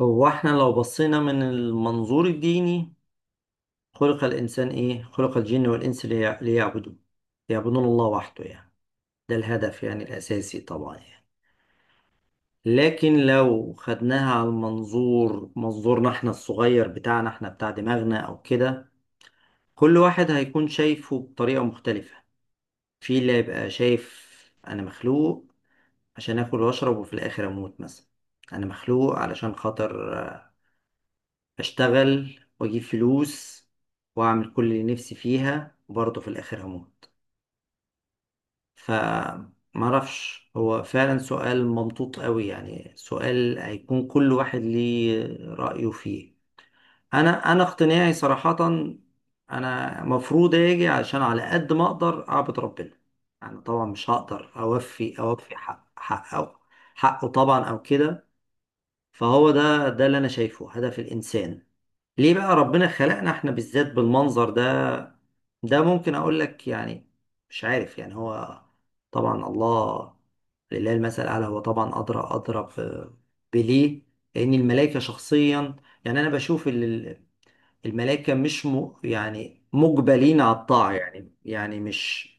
هو احنا لو بصينا من المنظور الديني، خلق الإنسان إيه؟ خلق الجن والإنس ليعبدوه، يعبدون الله وحده يعني. ده الهدف يعني الأساسي طبعا يعني. لكن لو خدناها على منظورنا احنا الصغير بتاعنا احنا بتاع دماغنا أو كده، كل واحد هيكون شايفه بطريقة مختلفة. في اللي هيبقى شايف أنا مخلوق عشان آكل وأشرب وفي الآخر أموت مثلا. أنا مخلوق علشان خاطر اشتغل واجيب فلوس واعمل كل اللي نفسي فيها وبرضه في الاخر هموت. ف معرفش، هو فعلا سؤال ممطوط قوي، يعني سؤال هيكون كل واحد ليه رأيه فيه. انا اقتناعي صراحة انا مفروض اجي عشان على قد ما اقدر اعبد ربنا. يعني طبعا مش هقدر اوفي حقه، حقه طبعا او كده. فهو ده اللي انا شايفه هدف الانسان. ليه بقى ربنا خلقنا احنا بالذات بالمنظر ده؟ ده ممكن اقول لك يعني مش عارف، يعني هو طبعا الله، لله المثل الاعلى، هو طبعا ادرى بليه. لان الملائكه شخصيا يعني انا بشوف الملائكه مش م يعني مجبلين على الطاعه، يعني يعني مش،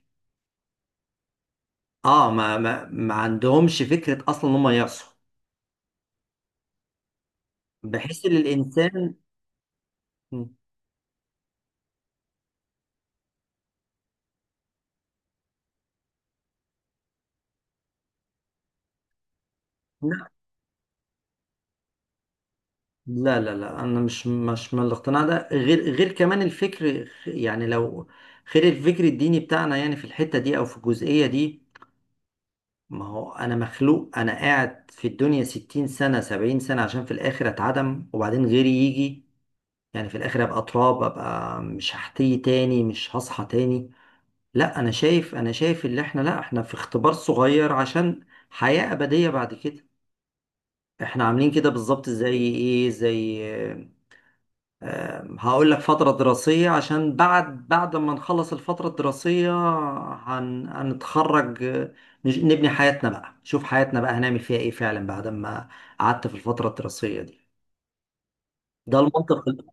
اه، ما عندهمش فكره اصلا ان هم يعصوا. بحس ان الانسان، لا انا مش من الاقتناع ده، غير كمان الفكر، يعني لو غير الفكر الديني بتاعنا يعني في الحتة دي او في الجزئية دي. ما هو انا مخلوق، انا قاعد في الدنيا ستين سنة سبعين سنة عشان في الاخر اتعدم وبعدين غيري يجي؟ يعني في الاخر ابقى تراب، ابقى مش هحتي تاني، مش هصحى تاني؟ لا انا شايف، انا شايف اللي احنا، لا احنا في اختبار صغير عشان حياة ابدية بعد كده. احنا عاملين كده بالظبط زي ايه، زي، هقول لك، فترة دراسية عشان بعد ما نخلص الفترة الدراسية هنتخرج آه، نبني حياتنا بقى، نشوف حياتنا بقى هنعمل فيها ايه فعلا بعد ما قعدت في الفترة الدراسية دي. ده المنطق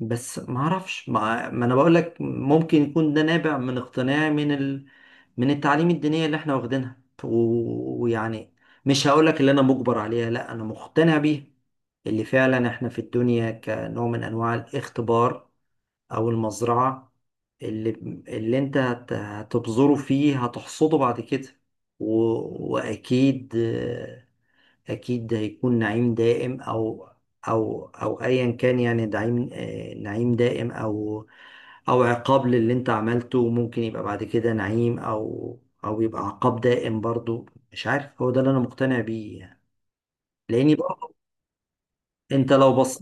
بس ما اعرفش، ما انا بقول لك ممكن يكون ده نابع من اقتناع من التعليم الدينية اللي احنا واخدينها، ويعني مش هقول لك اللي انا مجبر عليها، لا انا مقتنع بيها. اللي فعلا احنا في الدنيا كنوع من انواع الاختبار او المزرعه، اللي، اللي انت هتبذره فيه هتحصده بعد كده. و... واكيد، اكيد هيكون نعيم دائم او، او او ايا كان يعني نعيم آه، نعيم دائم او او عقاب للي انت عملته. ممكن يبقى بعد كده نعيم او او يبقى عقاب دائم برضو. مش عارف، هو ده اللي انا مقتنع بيه يعني. لاني برضو انت لو بصيت،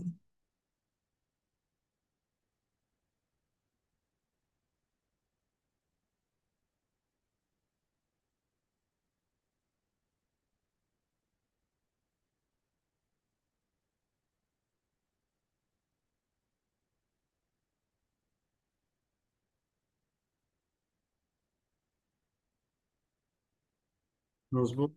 مظبوط.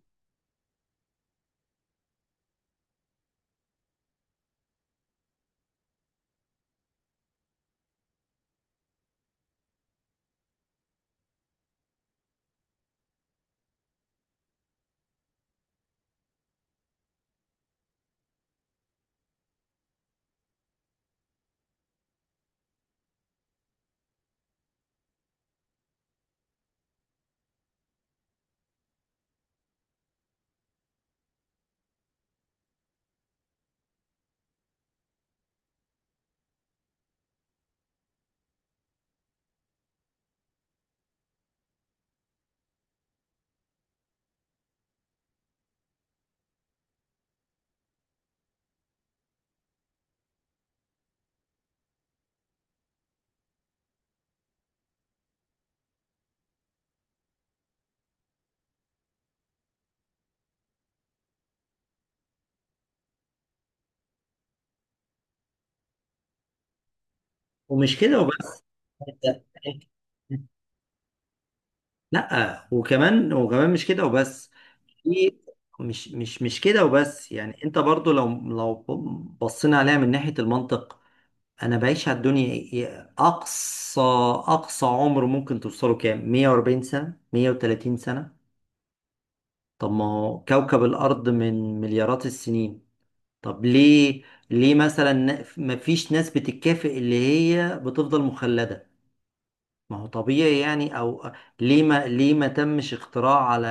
ومش كده وبس، انت، لا وكمان، وكمان مش كده وبس. في، مش كده وبس يعني، انت برضو لو بصينا عليها من ناحية المنطق، انا بعيش على الدنيا إيه، اقصى، اقصى عمر ممكن توصله كام؟ 140 سنة، 130 سنة. طب ما هو كوكب الارض من مليارات السنين، طب ليه، ليه مثلا ما فيش ناس بتتكافئ اللي هي بتفضل مخلدة؟ ما هو طبيعي يعني. او ليه، ما ليه ما تمش اختراع على،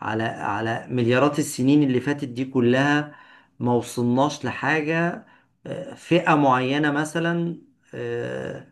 على على مليارات السنين اللي فاتت دي كلها ما وصلناش لحاجة؟ آه، فئة معينة مثلا، آه،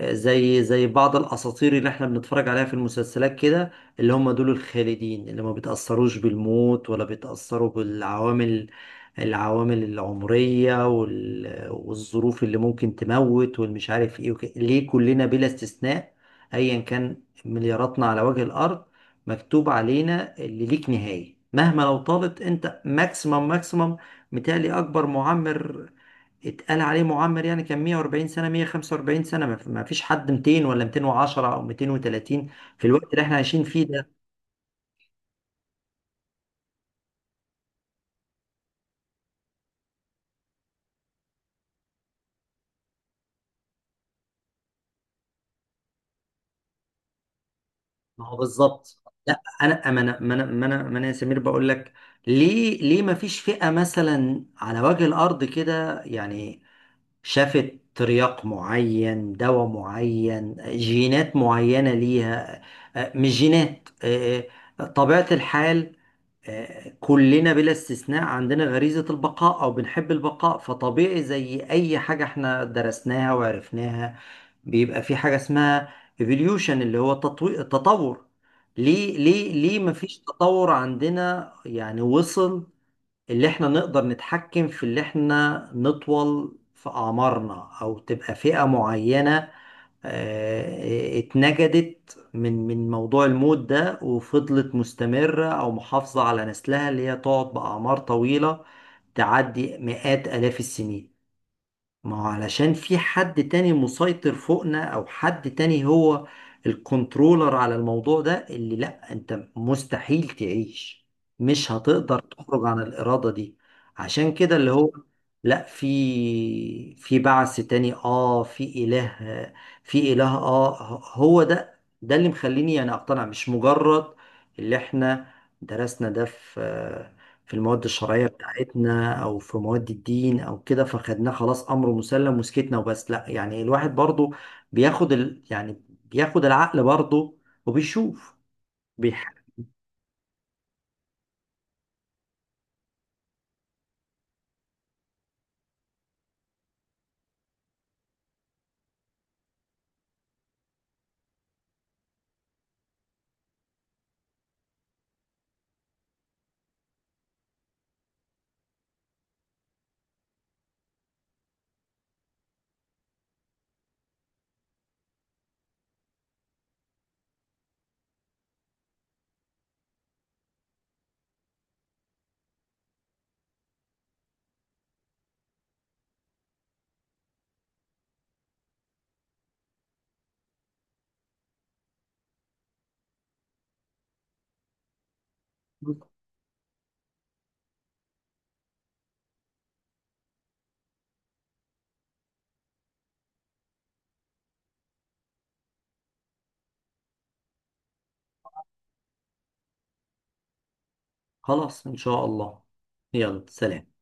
آه، زي زي بعض الاساطير اللي احنا بنتفرج عليها في المسلسلات كده، اللي هم دول الخالدين اللي ما بيتأثروش بالموت ولا بيتأثروا بالعوامل، العوامل العمرية والظروف اللي ممكن تموت والمش عارف ايه وكده. ليه كلنا بلا استثناء، ايا كان ملياراتنا على وجه الارض، مكتوب علينا اللي ليك نهاية مهما لو طالت؟ انت ماكسيمم، ماكسيمم، متهيألي اكبر معمر اتقال عليه معمر يعني كان 140 سنة، 145 سنة. ما فيش حد 200 ولا 210 او 230 في الوقت اللي احنا عايشين فيه ده. ما هو بالظبط. لا انا، ما انا ما انا ما انا ما أنا يا سمير بقول لك، ليه، ليه ما فيش فئة مثلا على وجه الارض كده يعني شافت ترياق معين، دواء معين، جينات معينة ليها؟ آه، مش جينات، آه، آه، طبيعة الحال. آه، كلنا بلا استثناء عندنا غريزة البقاء أو بنحب البقاء، فطبيعي زي أي حاجة احنا درسناها وعرفناها، بيبقى في حاجة اسمها evolution اللي هو تطور. ليه مفيش تطور عندنا يعني وصل اللي احنا نقدر نتحكم في اللي احنا نطول في أعمارنا، أو تبقى فئة معينة آه، اتنجدت من موضوع الموت ده وفضلت مستمرة أو محافظة على نسلها، اللي هي تقعد بأعمار طويلة تعدي مئات آلاف السنين؟ ما هو علشان في حد تاني مسيطر فوقنا، او حد تاني هو الكنترولر على الموضوع ده اللي، لا انت مستحيل تعيش، مش هتقدر تخرج عن الارادة دي. عشان كده اللي هو، لا، في بعث تاني، اه، في اله، في اله، اه، هو ده اللي مخليني يعني اقتنع، مش مجرد اللي احنا درسنا ده في، في المواد الشرعية بتاعتنا أو في مواد الدين أو كده فخدناه خلاص أمر مسلم وسكتنا وبس. لا يعني الواحد برضو بياخد يعني بياخد العقل برضو، وبيشوف، بيح... خلاص إن شاء الله. يلا سلام.